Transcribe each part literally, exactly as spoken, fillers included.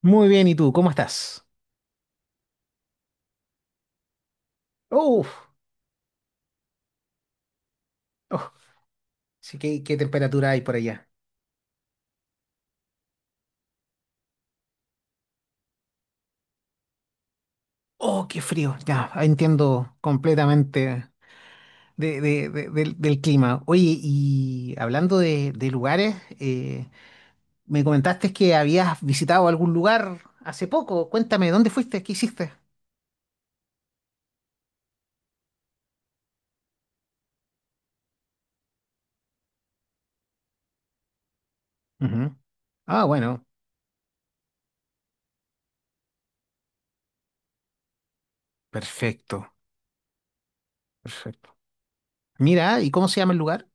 Muy bien, ¿y tú? ¿Cómo estás? Uf, uf, sí, ¿qué, qué temperatura hay por allá? Oh, qué frío, ya, entiendo completamente de- de- de- del, del clima. Oye, y hablando de, de lugares, eh, me comentaste que habías visitado algún lugar hace poco. Cuéntame, ¿dónde fuiste? ¿Qué hiciste? Ujú. Ah, bueno, perfecto, perfecto. Mira, ¿y cómo se llama el lugar?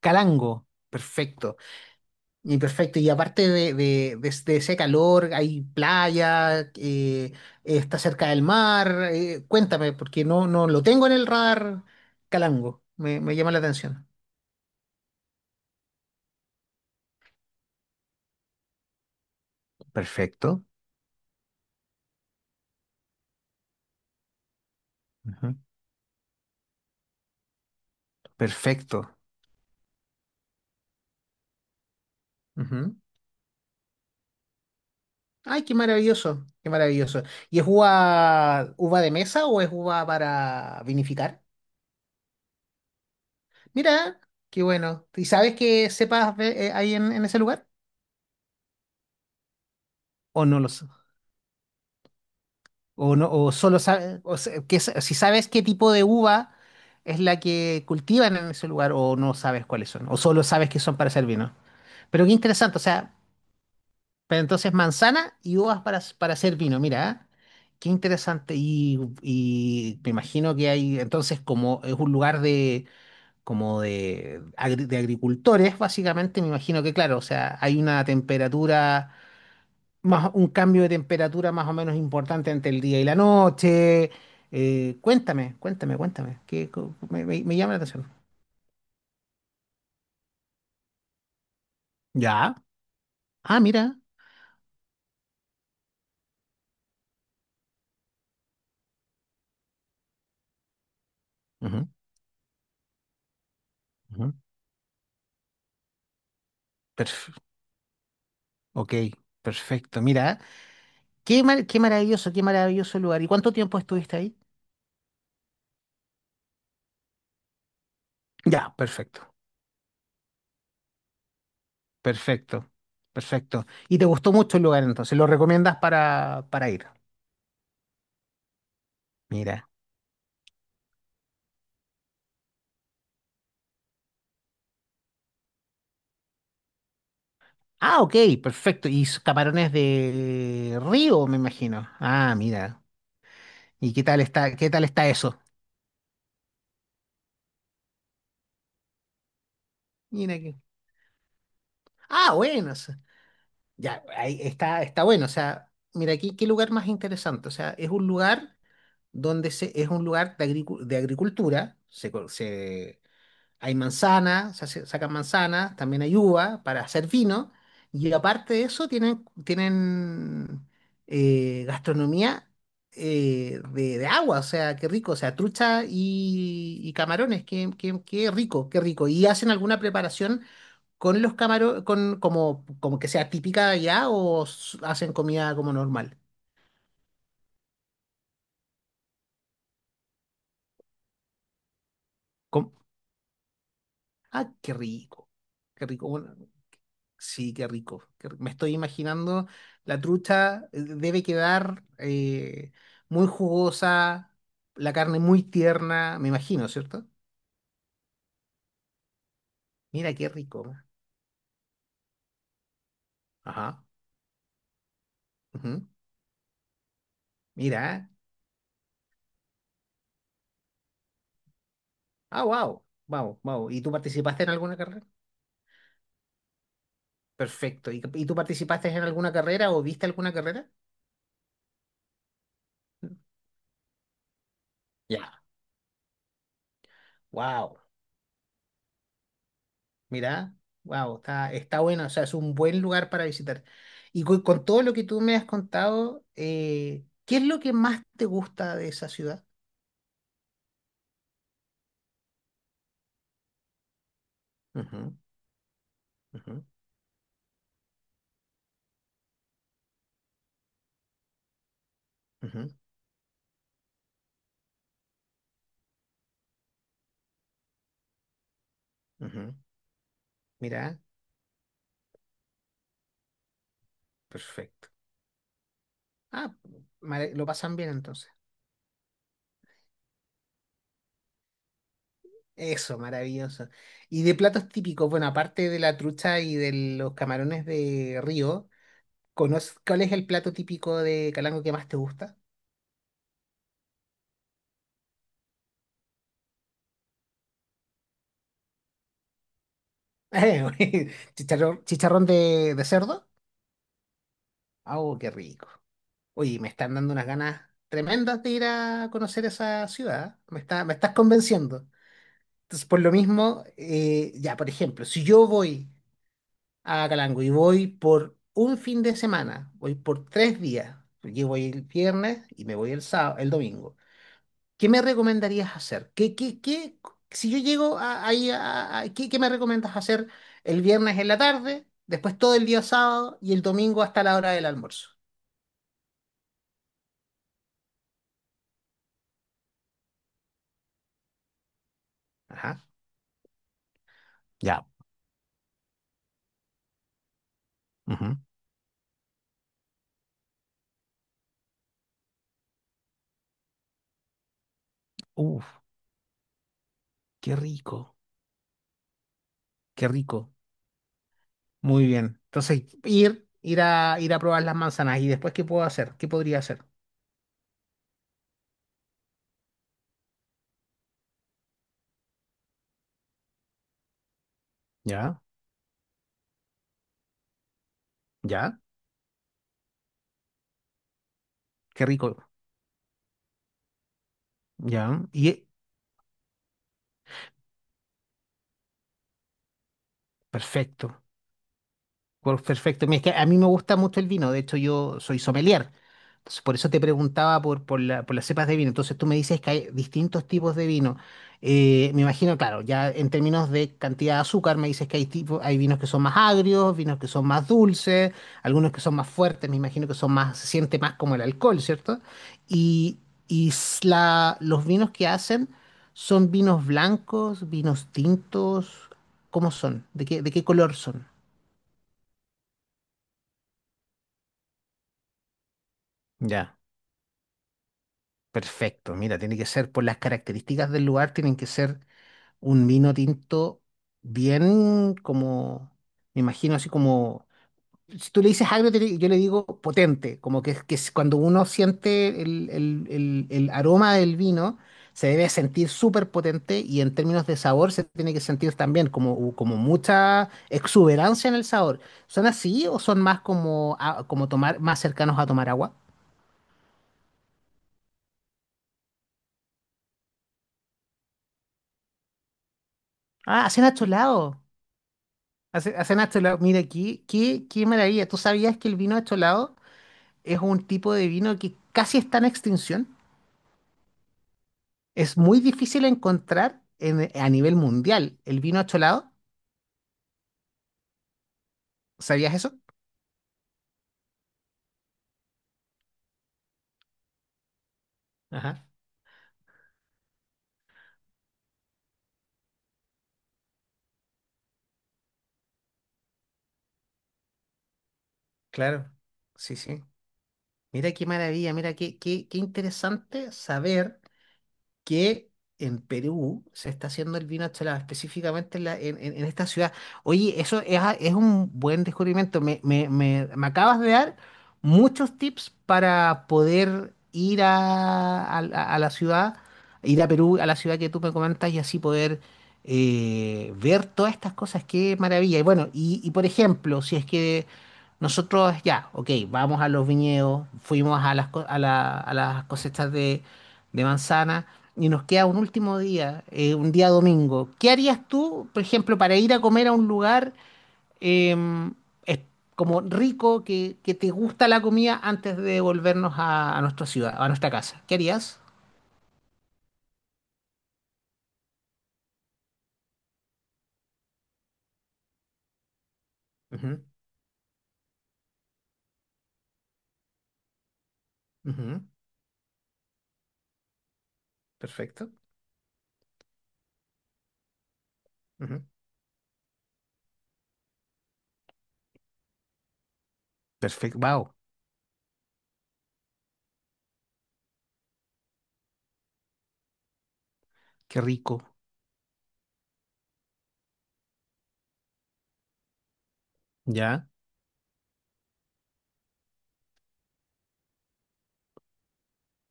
Calango, perfecto. Y perfecto, y aparte de, de, de- de ese calor, hay playa, eh, está cerca del mar, eh, cuéntame, porque no, no lo tengo en el radar Calango, me, me llama la atención. Perfecto. Ujú. Perfecto. Ujú. Ay, qué maravilloso, qué maravilloso. ¿Y es uva, uva de mesa o es uva para vinificar? Mira, qué bueno. ¿Y sabes qué cepas ve- eh, hay en, en ese lugar? ¿O no lo, O no, o solo sabes, que, si sabes qué tipo de uva es la que cultivan en ese lugar, o no sabes cuáles son, o solo sabes que son para hacer vino. Pero qué interesante, o sea, pero entonces manzana y uvas para, para hacer vino, mira, ¿ah? Qué interesante. Y, y me imagino que hay, entonces, como es un lugar de, como de, agri- de agricultores, básicamente, me imagino que, claro, o sea, hay una temperatura más, un cambio de temperatura más o menos importante entre el día y la noche. Eh, cuéntame, cuéntame, cuéntame, que co- me, me- me llama la atención. Ya. Ah, mira. Ujú, ujú. Perf- ok, perfecto. Mira, qué mar- qué maravilloso, qué maravilloso lugar. ¿Y cuánto tiempo estuviste ahí? Ya, perfecto, perfecto, perfecto. ¿Y te gustó mucho el lugar entonces? ¿Lo recomiendas para, para ir? Mira. Ah, ok, perfecto. Y s- camarones de río, me imagino. Ah, mira. ¿Y qué tal está, qué tal está eso? Mira que. Ah, bueno, o sea, ya, ahí está, está bueno. O sea, mira aquí, qué lugar más interesante. O sea, es un lugar donde se, es un lugar de, agricu- de agricultura. Se, co- se- hay manzanas, se hace- sacan manzanas, también hay uva para hacer vino. Y aparte de eso, tienen, tienen eh, gastronomía eh, de, de agua. O sea, qué rico. O sea, trucha y, y camarones, qué, qué, qué rico, qué rico. Y hacen alguna preparación con los camarones, con, como, como que sea típica de allá o s- hacen comida como normal? ¿Cómo? Ah, qué rico, qué rico. Bueno, sí, qué rico. qué ri- Me estoy imaginando, la trucha eh, debe quedar eh, muy jugosa, la carne muy tierna, me imagino, ¿cierto? Mira, qué rico. Ajá. Ujú. Mira. Ah, wow. Wow, wow. ¿Y tú participaste en alguna carrera? Perfecto. ¿Y, y tú participaste en alguna carrera o viste alguna carrera? Ya. Wow. Mirá, wow, está, está bueno, o sea, es un buen lugar para visitar. Y cu- con, todo lo que tú me has contado, eh, ¿qué es lo que más te gusta de esa ciudad? Ujú, ujú, ujú, ujú. Mirá, perfecto. Ah, mara- lo pasan bien entonces. Eso, maravilloso. Y de platos típicos, bueno, aparte de la trucha y de los camarones de río, ¿conoces cuál es el plato típico de Calango que más te gusta? Chicharrón, chicharrón de, de cerdo. Oh, qué rico. Oye, me están dando unas ganas tremendas de ir a conocer esa ciudad. Me está, me estás convenciendo. Entonces, por lo mismo, eh, ya, por ejemplo, si yo voy a Calango y voy por un fin de semana, voy por tres días, yo voy el viernes y me voy el sábado, el domingo, ¿qué me recomendarías hacer? ¿Qué, qué, qué, si yo llego a- ahí, a- a- ¿qué, qué me recomiendas hacer el viernes en la tarde, después todo el día sábado y el domingo hasta la hora del almuerzo? Ajá. Ya. Ujú. Uf. Qué rico, qué rico. Muy bien. Entonces, ir, ir a, ir a probar las manzanas. ¿Y después qué puedo hacer? ¿Qué podría hacer? Ya, ya, qué rico. Ya, y eh, perfecto. Por- Perfecto. Mira, es que a mí me gusta mucho el vino. De hecho, yo soy sommelier. Entonces, por eso te preguntaba por, por la- por las cepas de vino. Entonces, tú me dices que hay distintos tipos de vino. Eh, me imagino, claro, ya en términos de cantidad de azúcar, me dices que hay tipo, hay vinos que son más agrios, vinos que son más dulces, algunos que son más fuertes. Me imagino que son más, se siente más como el alcohol, ¿cierto? Y, y s- la- los vinos que hacen son vinos blancos, vinos tintos. ¿Cómo son? ¿De qué, de qué color son? Ya. Perfecto, mira, tiene que ser por las características del lugar, tienen que ser un vino tinto bien como, me imagino así como, si tú le dices agrio, te di- yo le digo potente, como que, es- que es cuando uno siente el, el- el- el aroma del vino, se debe sentir súper potente y en términos de sabor se tiene que sentir también como, como mucha exuberancia en el sabor. ¿Son así o son más como, a- como tomar, más cercanos a tomar agua? Ah, hacen acholados. Hacen, hacen acholado. Mira, qué, qué, qué maravilla. ¿Tú sabías que el vino acholado es un tipo de vino que casi está en extinción? Es muy difícil encontrar en- a nivel mundial el vino acholado. ¿Sabías eso? Ajá, claro. Sí, sí. Mira qué maravilla, mira qué, qué, qué interesante saber. Que en Perú se está haciendo el vino Cholado, específicamente en, la- en- en- en esta ciudad. Oye, eso es, a- es un buen descubrimiento. Me, me- me- me acabas de dar muchos tips para poder ir a, a- a- a la ciudad, ir a Perú, a la ciudad que tú me comentas y así poder eh, ver todas estas cosas. Qué maravilla. Y bueno, y, y por ejemplo, si es que... Nosotros ya, ok, vamos a los viñedos, fuimos a las, co- a la- a las cosechas de, de manzana y nos queda un último día, eh, un día domingo, ¿qué harías tú, por ejemplo, para ir a comer a un lugar eh, es- como rico, que, que te gusta la comida antes de volvernos a, a nuestra ciudad, a nuestra casa? ¿Qué harías? Ujú, ujú, perfecto. Ujú. Perfecto. Wow, qué rico. Ya,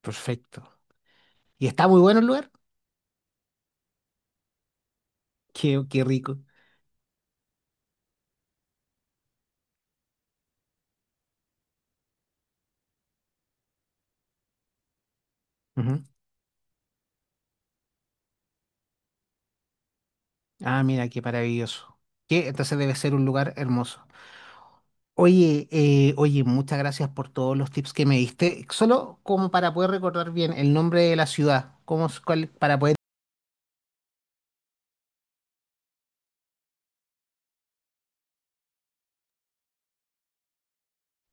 perfecto. ¿Y está muy bueno el lugar? Qué, qué rico. Ujú. Ah, mira, qué maravilloso. ¿Qué? Entonces debe ser un lugar hermoso. Oye, eh, oye, muchas gracias por todos los tips que me diste. Solo como para poder recordar bien el nombre de la ciudad, cómo, es- cuál- para poder...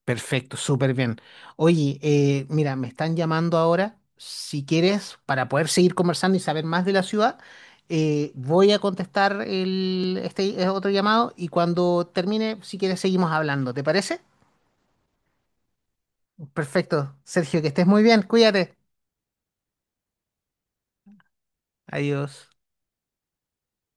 Perfecto, súper bien. Oye, eh, mira, me están llamando ahora. Si quieres, para poder seguir conversando y saber más de la ciudad, eh, voy a contestar el, este eh, otro llamado y cuando termine, si quieres, seguimos hablando. ¿Te parece? Perfecto, Sergio, que estés muy bien. Cuídate. Adiós.